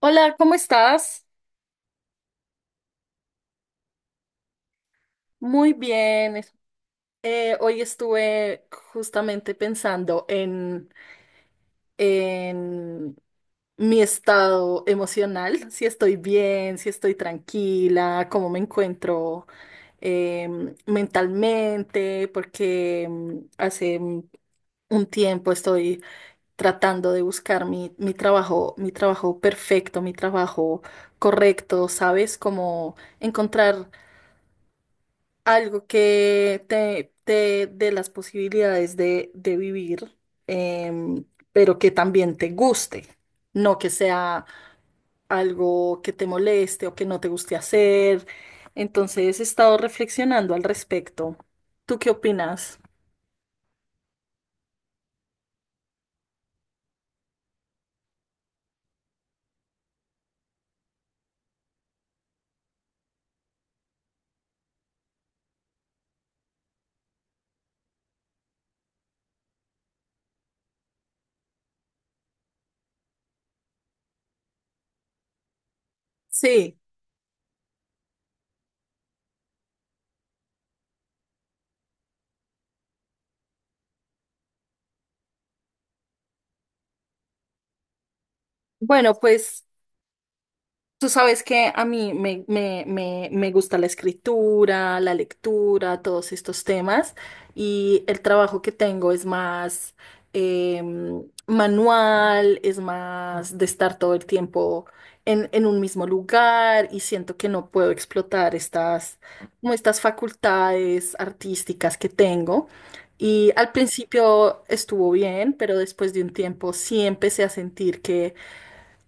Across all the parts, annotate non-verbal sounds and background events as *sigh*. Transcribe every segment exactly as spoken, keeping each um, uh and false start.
Hola, ¿cómo estás? Muy bien. Es- eh, hoy estuve justamente pensando en, en mi estado emocional, si estoy bien, si estoy tranquila, cómo me encuentro em, mentalmente, porque em, hace mm, un tiempo estoy tratando de buscar mi, mi trabajo, mi trabajo perfecto, mi trabajo correcto, ¿sabes? Como encontrar algo que te, te dé las posibilidades de, de vivir, em, pero que también te guste, no que sea algo que te moleste o que no te guste hacer. Entonces he estado reflexionando al respecto. ¿Tú qué opinas? Sí, bueno, pues tú sabes que a mí me, me, me, me gusta la escritura, la lectura, todos estos temas y el trabajo que tengo es más em, manual, es más de estar todo el tiempo en, en un mismo lugar y siento que no puedo explotar estas, como estas facultades artísticas que tengo. Y al principio estuvo bien, pero después de un tiempo sí empecé a sentir que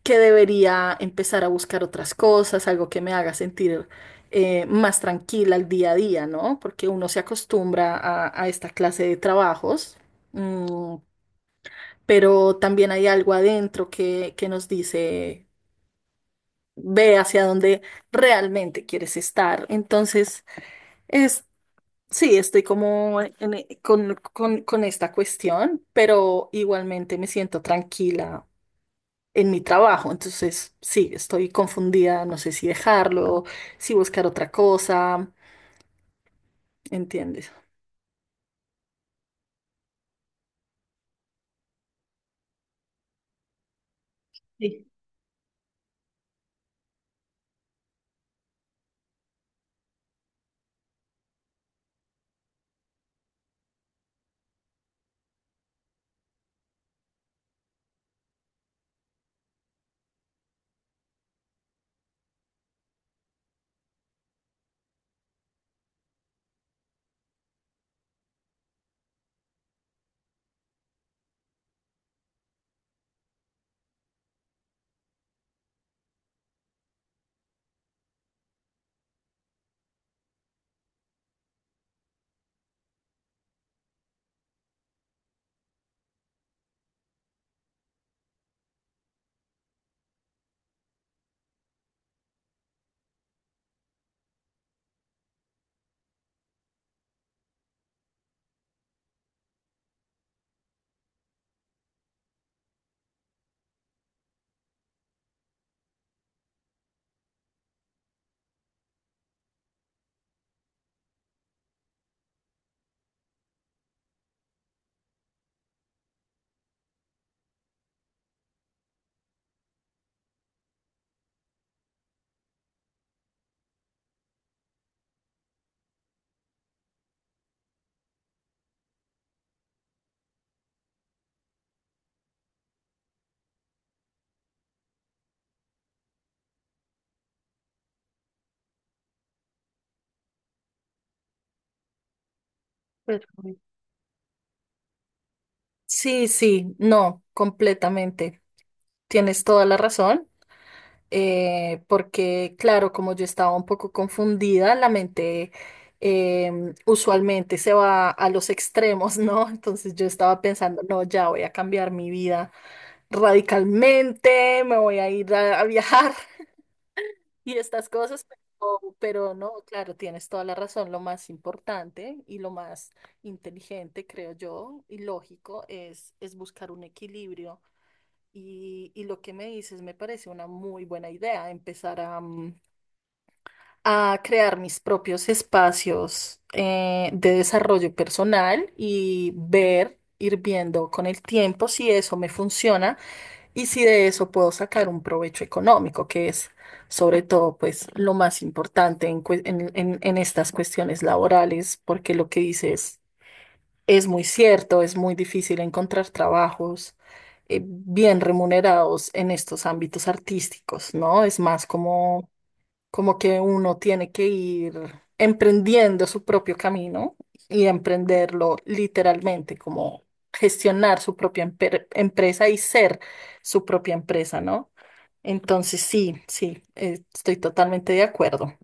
que debería empezar a buscar otras cosas, algo que me haga sentir eh, más tranquila el día a día, ¿no? Porque uno se acostumbra a, a esta clase de trabajos, mm, pero también hay algo adentro que, que nos dice, ve hacia dónde realmente quieres estar. Entonces, es... Sí, estoy como en- con, con con esta cuestión, pero igualmente me siento tranquila en mi trabajo. Entonces, sí, estoy confundida, no sé si dejarlo, si buscar otra cosa, ¿entiendes? Perfecto. Sí, sí, no, completamente. Tienes toda la razón, eh, porque claro, como yo estaba un poco confundida, la mente em, usualmente se va a los extremos, ¿no? *laughs* Entonces yo estaba pensando, no, ya voy a cambiar mi vida radicalmente, me voy a ir a, a viajar, *laughs* y estas cosas, pero, pero no, claro, tienes toda la razón. Lo más importante y lo más inteligente, creo yo, y lógico es, es buscar un equilibrio. Y, y lo que me dices me parece una muy buena idea, empezar a, mm, a crear mis propios espacios eh, de desarrollo personal y ver, ir viendo con el tiempo si eso me funciona y si de eso puedo sacar un provecho económico, que es sobre todo pues lo más importante en, cue- en- en- en estas cuestiones laborales, porque lo que dices es muy cierto, es muy difícil encontrar trabajos eh, bien remunerados en estos ámbitos artísticos, ¿no? Es más como como que uno tiene que ir emprendiendo su propio camino y emprenderlo literalmente, como gestionar su propia emper- empresa y ser su propia empresa, ¿no? Entonces, sí, sí, eh, estoy totalmente de acuerdo.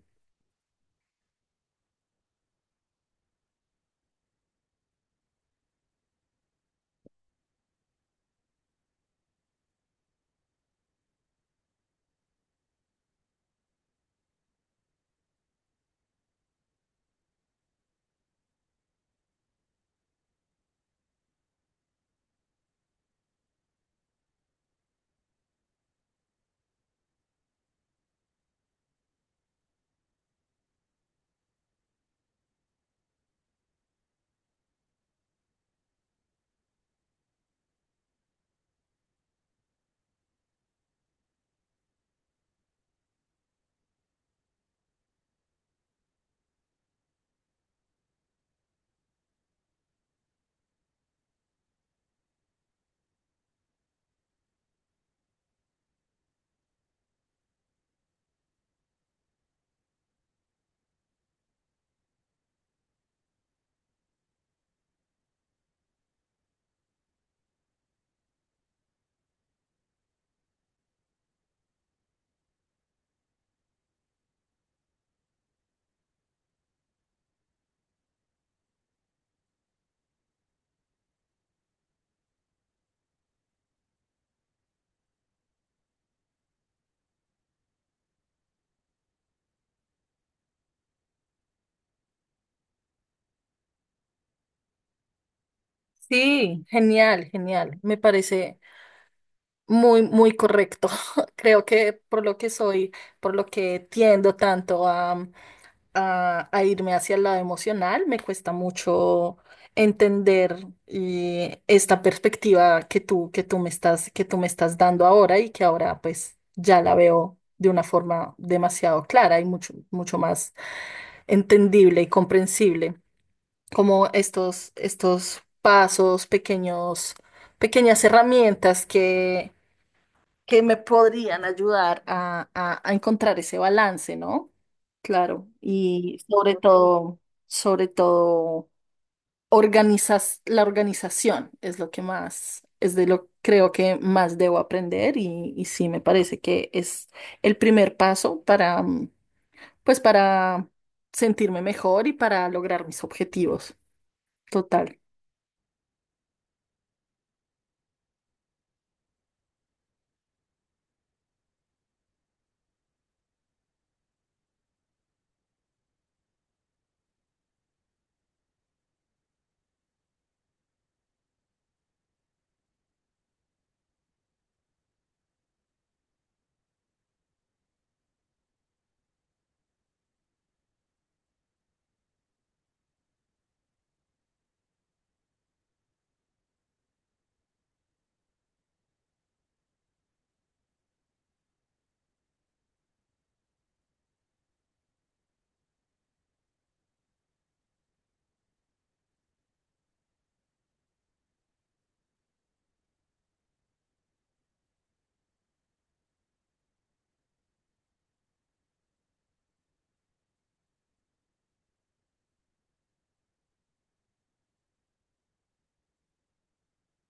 Sí, genial, genial. Me parece muy, muy correcto. *laughs* Creo que por lo que soy, por lo que tiendo tanto a, a, a irme hacia el lado emocional, me cuesta mucho entender eh, esta perspectiva que tú, que tú me estás, que tú me estás dando ahora y que ahora pues ya la veo de una forma demasiado clara y mucho, mucho más entendible y comprensible como estos, estos pasos, pequeños, pequeñas herramientas que, que me podrían ayudar a, a- a encontrar ese balance, ¿no? Claro, y sobre todo, sobre todo, organizas, la organización es lo que más, es de lo creo que más debo aprender y, y sí, me parece que es el primer paso para, mm, pues para sentirme mejor y para lograr mis objetivos. Total.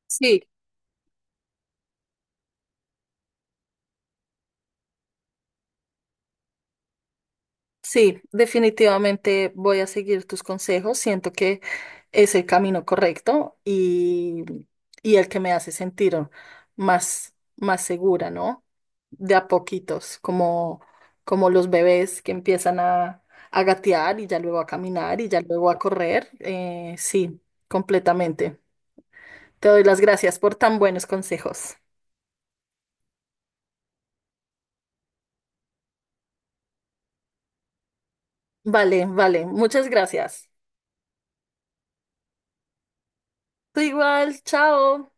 Sí, sí, definitivamente voy a seguir tus consejos. Siento que es el camino correcto y, y el que me hace sentir más, más segura, ¿no? De a poquitos, como, como los bebés que empiezan a, a gatear y ya luego a caminar y ya luego a correr. Eh, sí, completamente. Te doy las gracias por tan buenos consejos. Vale, vale, muchas gracias. Tú igual, chao.